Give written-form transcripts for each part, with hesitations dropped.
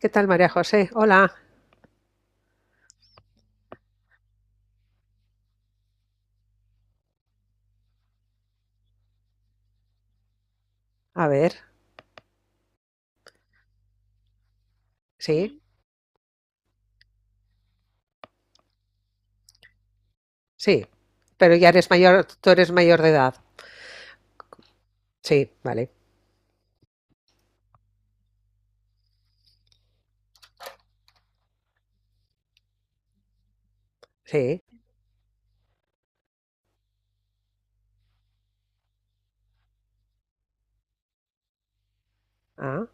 ¿Qué tal, María José? Hola. A ver, sí, sí. Pero ya eres mayor, tú eres mayor de edad. Sí, vale. Sí. Ah.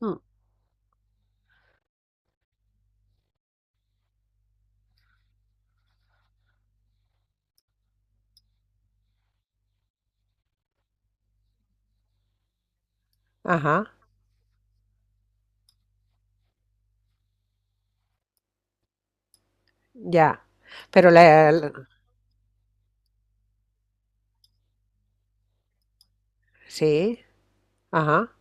mm, Ajá, ya. Pero la, la- sí, ajá,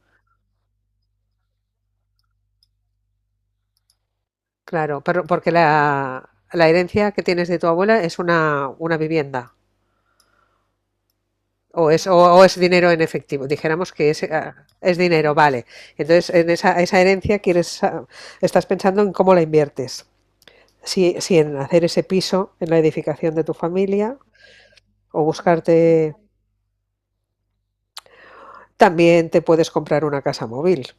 claro. Pero porque la herencia que tienes de tu abuela es una vivienda. O es, o es dinero en efectivo. Dijéramos que es dinero, vale. Entonces, en esa herencia estás pensando en cómo la inviertes. Si en hacer ese piso en la edificación de tu familia, o buscarte. También te puedes comprar una casa móvil,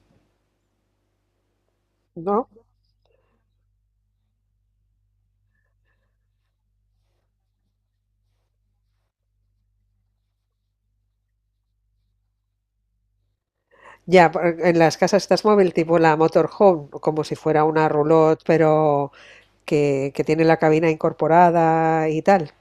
¿no? Ya, en las casas estas móvil, tipo la motorhome, como si fuera una roulotte, pero que tiene la cabina incorporada y tal.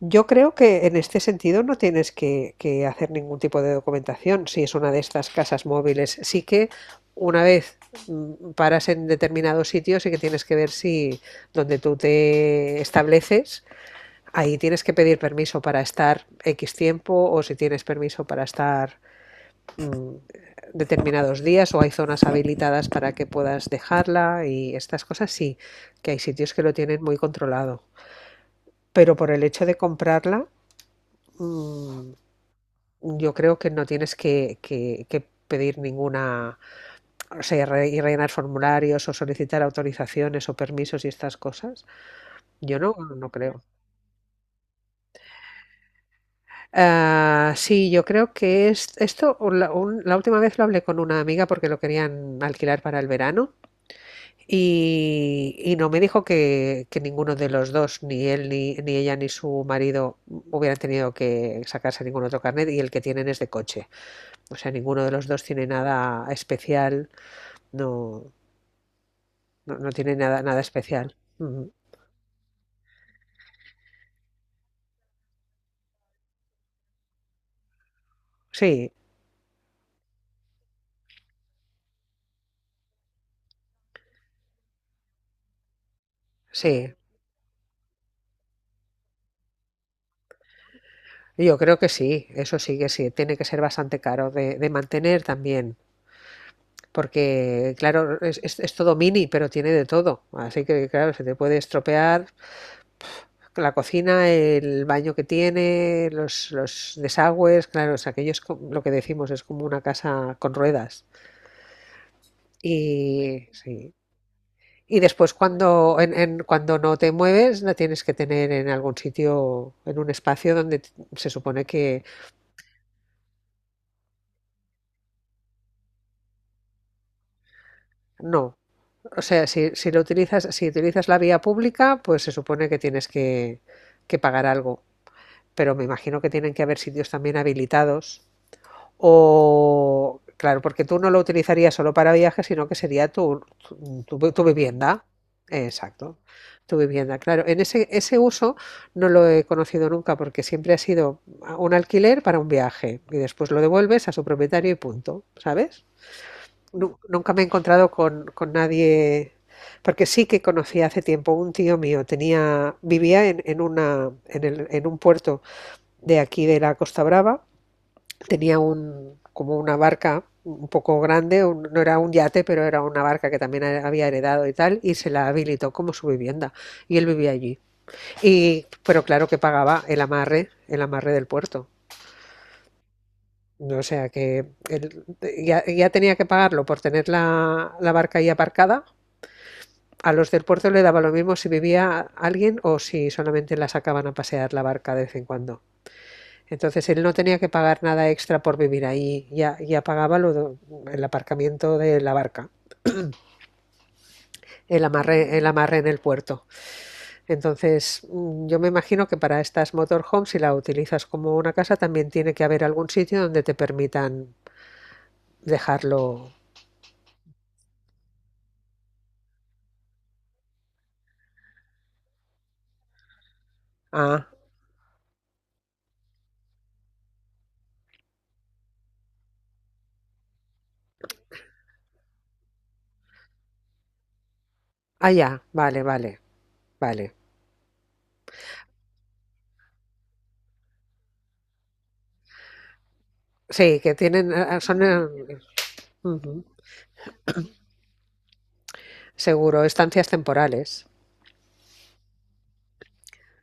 Yo creo que en este sentido no tienes que hacer ningún tipo de documentación si es una de estas casas móviles. Sí que una vez paras en determinados sitios y que tienes que ver si donde tú te estableces ahí tienes que pedir permiso para estar X tiempo o si tienes permiso para estar mm, determinados días o hay zonas habilitadas para que puedas dejarla y estas cosas sí, que hay sitios que lo tienen muy controlado. Pero por el hecho de comprarla, mm, yo creo que no tienes que pedir ninguna, o sea, y rellenar formularios o solicitar autorizaciones o permisos y estas cosas. Yo no, no creo. Ah, sí, yo creo que es, esto o la, un- la última vez lo hablé con una amiga porque lo querían alquilar para el verano y no me dijo que ninguno de los dos, ni él, ni ella, ni su marido hubieran tenido que sacarse ningún otro carnet y el que tienen es de coche. O sea, ninguno de los dos tiene nada especial, no, no, no tiene nada, nada especial. Ujú. Sí, sí. Yo creo que sí, eso sí que sí, tiene que ser bastante caro de mantener también. Porque claro, es todo mini, pero tiene de todo. Así que claro, se te puede estropear la cocina, el baño que tiene, los desagües, claro, o sea, aquello es lo que decimos, es como una casa con ruedas. Y sí. Y después cuando no te mueves, la tienes que tener en algún sitio, en un espacio donde se supone que no. O sea, si lo utilizas, si utilizas la vía pública, pues se supone que tienes que pagar algo. Pero me imagino que tienen que haber sitios también habilitados o, claro, porque tú no lo utilizarías solo para viajes, sino que sería tu vivienda. Exacto, tu vivienda. Claro, en ese uso no lo he conocido nunca porque siempre ha sido un alquiler para un viaje y después lo devuelves a su propietario y punto, ¿sabes? Nunca me he encontrado con nadie, porque sí que conocí hace tiempo un tío mío, vivía en una, en el- en un puerto de aquí de la Costa Brava. Tenía como una barca un poco grande, no era un yate, pero era una barca que también había heredado y tal, y se la habilitó como su vivienda. Y él vivía allí. Pero claro que pagaba el amarre del puerto. O sea que él ya tenía que pagarlo por tener la barca ahí aparcada. A los del puerto le daba lo mismo si vivía alguien o si solamente la sacaban a pasear la barca de vez en cuando. Entonces él no tenía que pagar nada extra por vivir ahí, ya pagaba lo el aparcamiento de la barca, el amarre en el puerto. Entonces yo me imagino que para estas motorhomes, si la utilizas como una casa, también tiene que haber algún sitio donde te permitan dejarlo. Ah, ah, ya, vale, vale, vale. Sí, que tienen, ah, son, ujú, seguro, estancias temporales.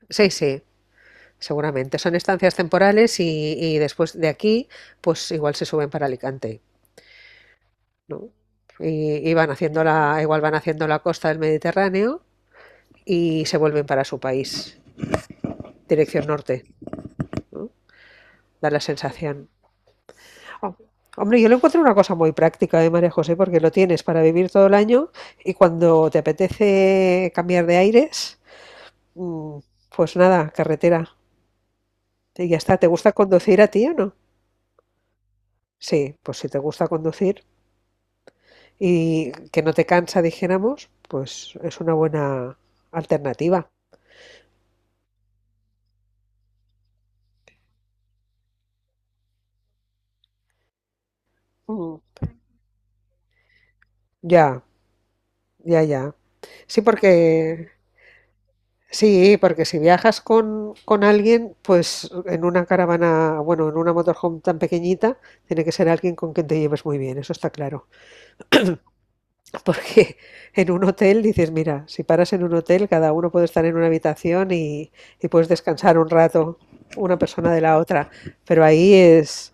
Sí, sí. Seguramente. Son estancias temporales y después de aquí, pues igual se suben para Alicante, ¿no? Y van haciendo igual van haciendo la costa del Mediterráneo y se vuelven para su país, dirección norte, da la sensación. Oh, hombre, yo lo encuentro una cosa muy práctica, ¿eh, María José? Porque lo tienes para vivir todo el año y cuando te apetece cambiar de aires, mm, pues nada, carretera. Y ya está. ¿Te gusta conducir a ti o no? Sí, pues si te gusta conducir, y que no te cansa, dijéramos, pues es una buena alternativa. Mm. Ya, ya, ya. Sí, porque si viajas con alguien, pues en una caravana, bueno, en una motorhome tan pequeñita, tiene que ser alguien con quien te lleves muy bien, eso está claro. Porque en un hotel dices, mira, si paras en un hotel, cada uno puede estar en una habitación y puedes descansar un rato una persona de la otra, pero ahí es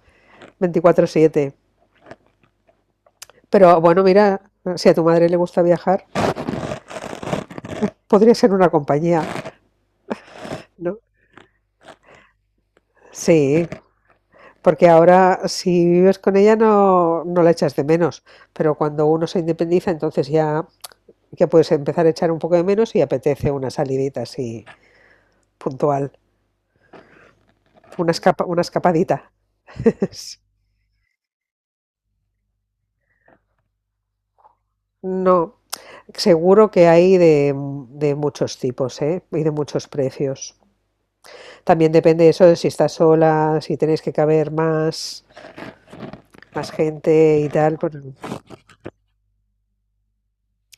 24/7. Pero bueno, mira, si a tu madre le gusta viajar, podría ser una compañía, ¿no? Sí, porque ahora si vives con ella no, no la echas de menos, pero cuando uno se independiza, entonces ya puedes empezar a echar un poco de menos y apetece una salidita así puntual, una escapadita. No, seguro que hay de muchos tipos, ¿eh? Y de muchos precios. También depende de eso de si estás sola, si tenéis que caber más gente y tal, pues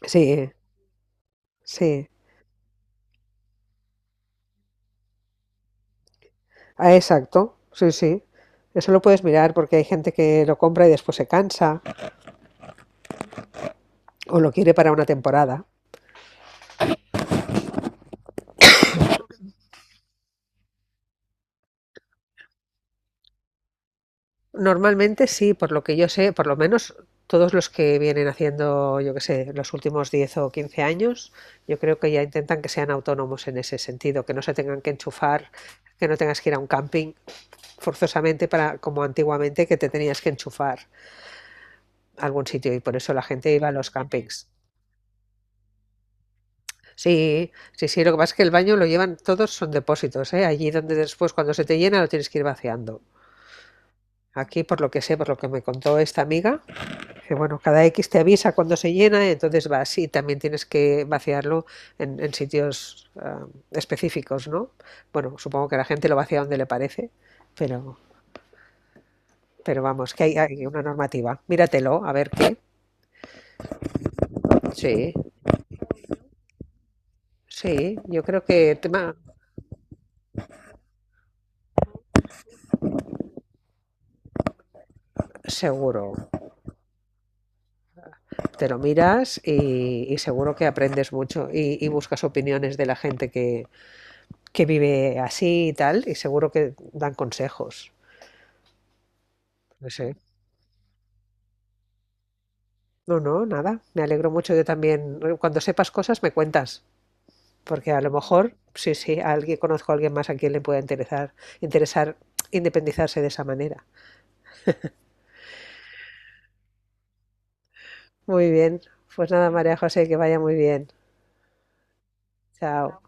sí, sí. Ah, exacto. Sí, sí. Eso lo puedes mirar porque hay gente que lo compra y después se cansa o lo quiere para una temporada. Normalmente sí, por lo que yo sé, por lo menos todos los que vienen haciendo, yo qué sé, los últimos 10 o 15 años, yo creo que ya intentan que sean autónomos en ese sentido, que no se tengan que enchufar, que no tengas que ir a un camping forzosamente para como antiguamente que te tenías que enchufar a algún sitio y por eso la gente iba a los campings. Sí, sí, sí, lo que pasa es que el baño lo llevan, todos son depósitos, ¿eh? Allí donde después cuando se te llena lo tienes que ir vaciando. Aquí, por lo que sé, por lo que me contó esta amiga, que bueno, cada X te avisa cuando se llena, entonces vas y también tienes que vaciarlo en sitios específicos, ¿no? Bueno, supongo que la gente lo vacía donde le parece, pero, pero vamos, que hay una normativa. Míratelo, a ver qué. Sí, sí, yo creo que tema seguro. Te lo miras y seguro que aprendes mucho y buscas opiniones de la gente que vive así y tal, y seguro que dan consejos. No sé. No, no, nada. Me alegro mucho. Yo también, cuando sepas cosas, me cuentas. Porque a lo mejor, sí, sí, a alguien, conozco a alguien más a quien le pueda interesar, independizarse de esa manera. Muy bien. Pues nada, María José, que vaya muy bien. Chao.